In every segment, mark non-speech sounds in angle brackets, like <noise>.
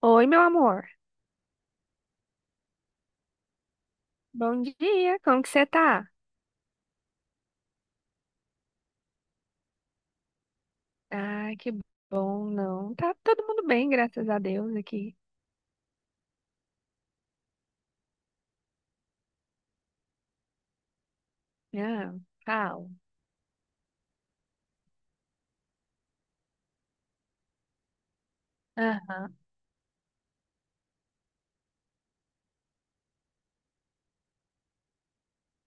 Oi, meu amor. Bom dia, como que você tá? Ai, que bom, não. Tá todo mundo bem, graças a Deus, aqui. Ah, calma. Aham,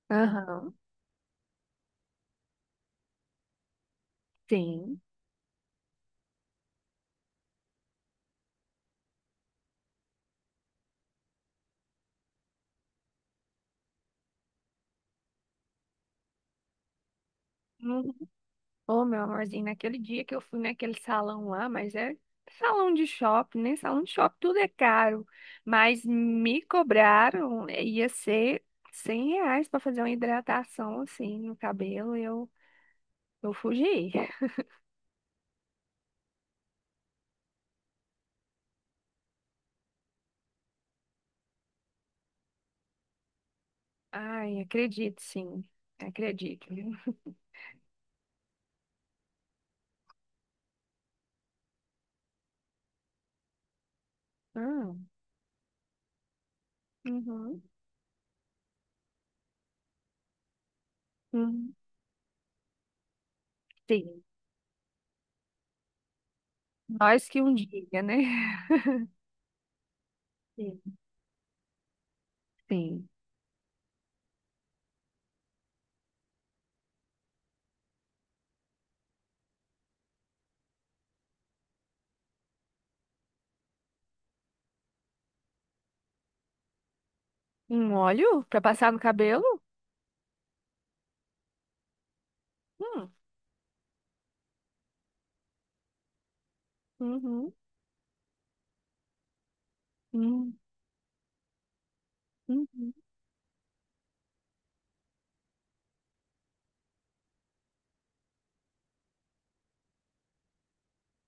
aham, sim. Uhum. Ô, meu amorzinho, naquele dia que eu fui naquele salão lá, mas é salão de shopping, né? Salão de shopping tudo é caro. Mas me cobraram, ia ser R$ 100 pra fazer uma hidratação, assim, no cabelo, e eu fugi. Ai, acredito, sim. Acredito. Ah, uhum, hum, sim. Nós que um dia, né? Sim. Sim. Um óleo para passar no cabelo? Hum, uhum, hum, uhum,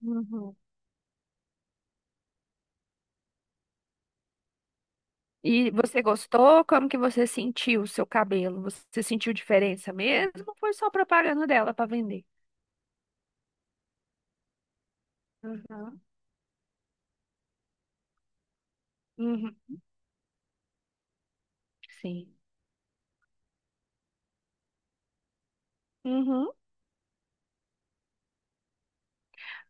uhum. E você gostou? Como que você sentiu o seu cabelo? Você sentiu diferença mesmo? Ou foi só propaganda dela para vender? Uhum. Uhum, sim. Uhum.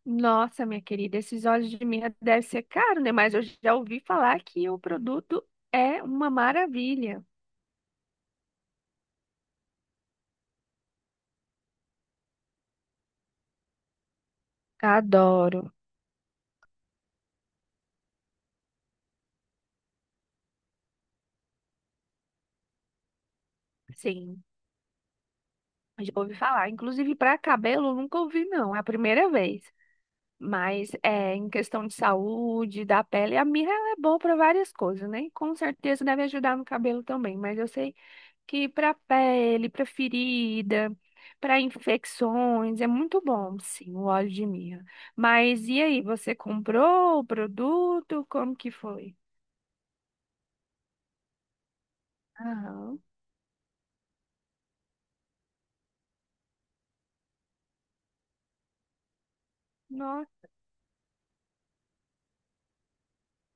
Nossa, minha querida, esses óleos de mirra devem ser caros, né? Mas eu já ouvi falar que o produto é uma maravilha. Adoro. Sim, já ouvi falar. Inclusive, para cabelo, eu nunca ouvi, não. É a primeira vez. Mas é, em questão de saúde, da pele, a mirra ela é boa para várias coisas, né? Com certeza deve ajudar no cabelo também. Mas eu sei que para pele, para ferida, para infecções, é muito bom, sim, o óleo de mirra. Mas e aí, você comprou o produto? Como que foi? Aham. Nossa.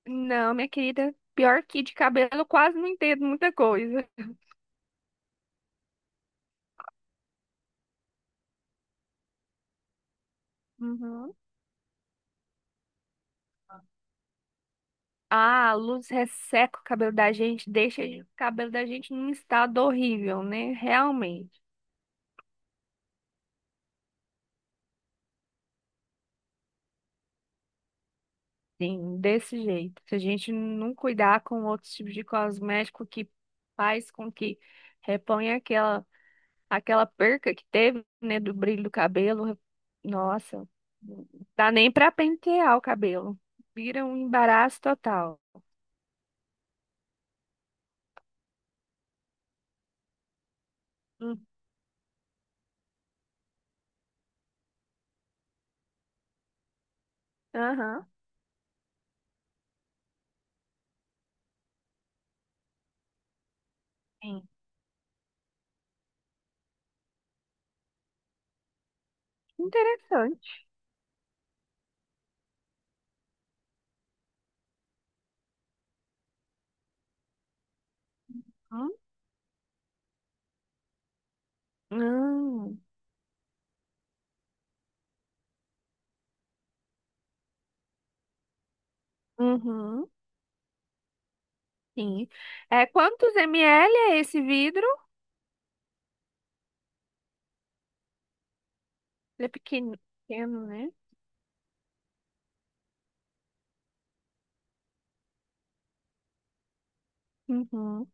Não, minha querida, pior que de cabelo, eu quase não entendo muita coisa. Uhum. Ah, a luz resseca o cabelo da gente, deixa o cabelo da gente num estado horrível, né? Realmente. Sim, desse jeito. Se a gente não cuidar com outros tipos de cosmético que faz com que reponha aquela perca que teve, né, do brilho do cabelo, nossa, não dá nem pra pentear o cabelo. Vira um embaraço total. Hum, Aham. Sim. Interessante. Hum. Hum. Uhum. Sim. É, quantos ml é esse vidro? Ele é pequeno, pequeno, né? Uhum.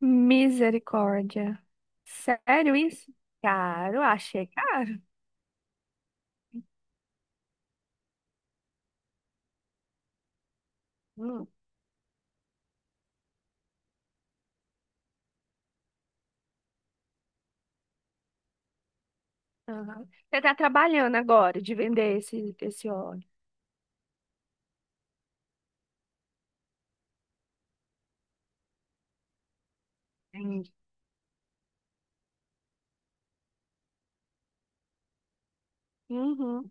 Misericórdia. Sério isso? Caro, achei caro. Hum, aham. Você tá trabalhando agora de vender esse óleo. Entendi. Uhum,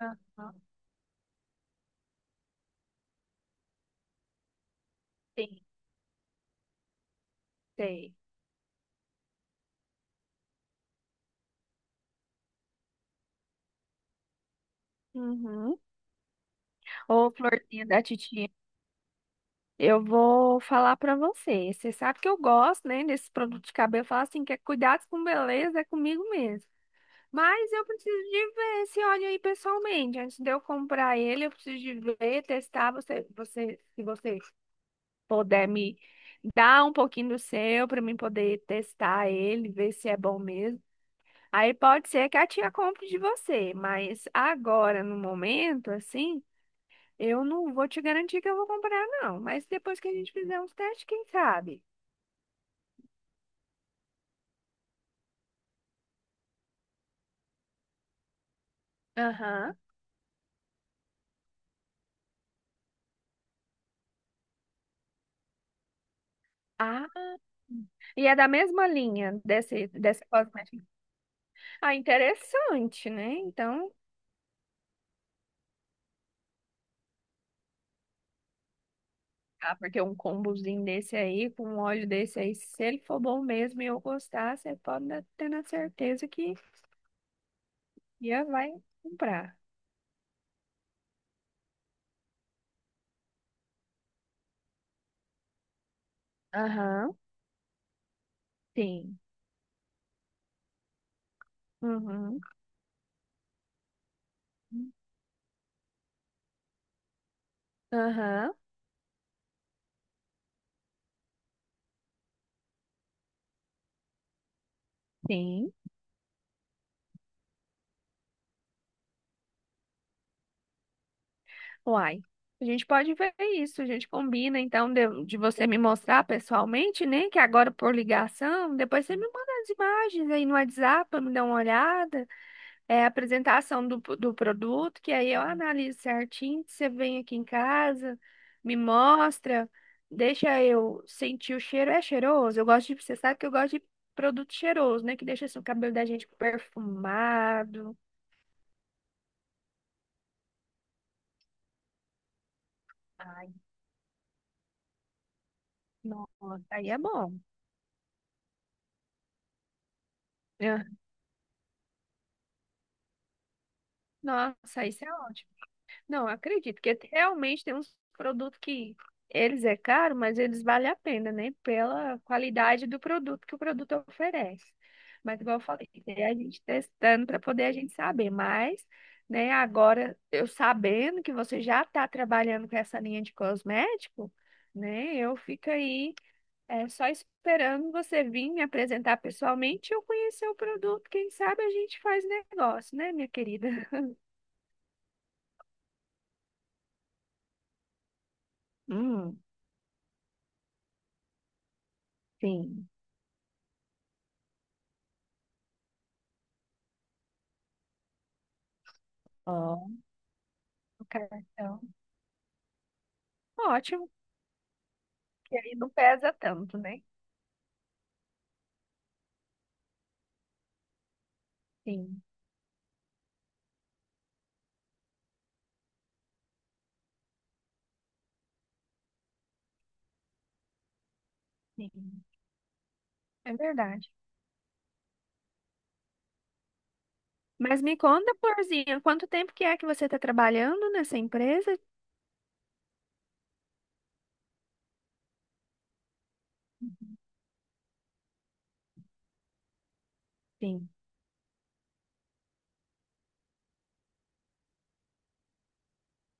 aham. Sim, sei. Uhum. Ô, florzinha da titia, eu vou falar pra você. Você sabe que eu gosto, né, desse produto de cabelo. Eu falo assim, que é cuidado com beleza, é comigo mesmo. Mas eu preciso de ver esse óleo aí pessoalmente. Antes de eu comprar ele, eu preciso de ver, testar. Se você puder me dar um pouquinho do seu para mim poder testar ele, ver se é bom mesmo. Aí pode ser que a tia compre de você, mas agora, no momento, assim, eu não vou te garantir que eu vou comprar, não. Mas depois que a gente fizer uns testes, quem sabe? Aham. Ah, e é da mesma linha desse, dessa cosmética. Ah, interessante, né? Então, ah, porque um combozinho desse aí, com um óleo desse aí, se ele for bom mesmo e eu gostar, você pode ter na certeza que já vai comprar. Aham, sim. Uhum. Aham, sim. Uai, a gente pode ver isso, a gente combina, então, de você me mostrar pessoalmente, né? Que agora por ligação, depois você me manda as imagens aí no WhatsApp pra me dar uma olhada. É a apresentação do produto, que aí eu analiso certinho. Você vem aqui em casa, me mostra, deixa eu sentir o cheiro. É cheiroso? Eu gosto de, você sabe que eu gosto de produto cheiroso, né? Que deixa assim, o cabelo da gente perfumado. Ai, nossa. Aí é bom. É. Nossa, isso é ótimo. Não, acredito que realmente tem uns produtos que eles é caro, mas eles valem a pena, né? Pela qualidade do produto que o produto oferece. Mas igual eu falei, é a gente testando para poder a gente saber. Mas, né, agora eu sabendo que você já está trabalhando com essa linha de cosmético, né? Eu fico aí é, só esperando você vir me apresentar pessoalmente e eu conhecer o produto. Quem sabe a gente faz negócio, né, minha querida? Hum, sim. No cartão. Ótimo, que aí não pesa tanto, né? Sim, sim, é verdade. Mas me conta, Florzinha, quanto tempo que é que você está trabalhando nessa empresa? Uhum, sim.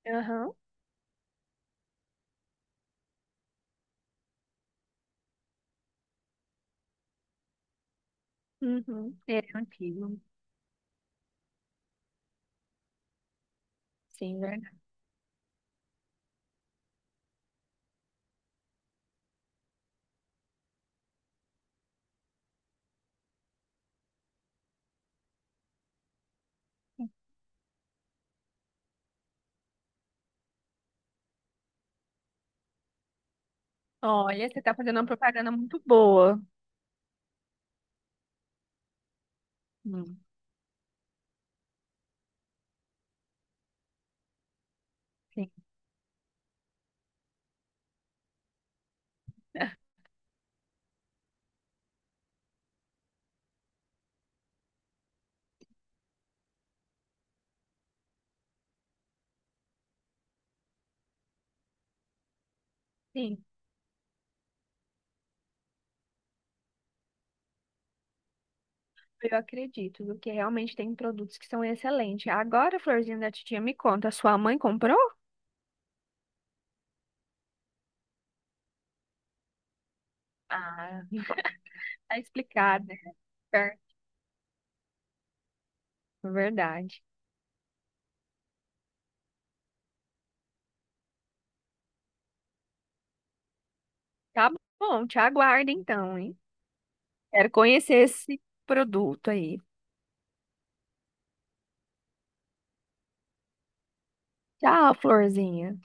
Aham. Uhum. É antigo. Sim, verdade. Olha, você está fazendo uma propaganda muito boa. Hum, Sim. Sim, eu acredito, porque realmente tem produtos que são excelentes. Agora, Florzinha da Titia, me conta, sua mãe comprou? Ah, <laughs> tá explicado, né? Ver- Verdade. Tá bom, te aguardo então, hein? Quero conhecer esse produto aí. Tchau, florzinha.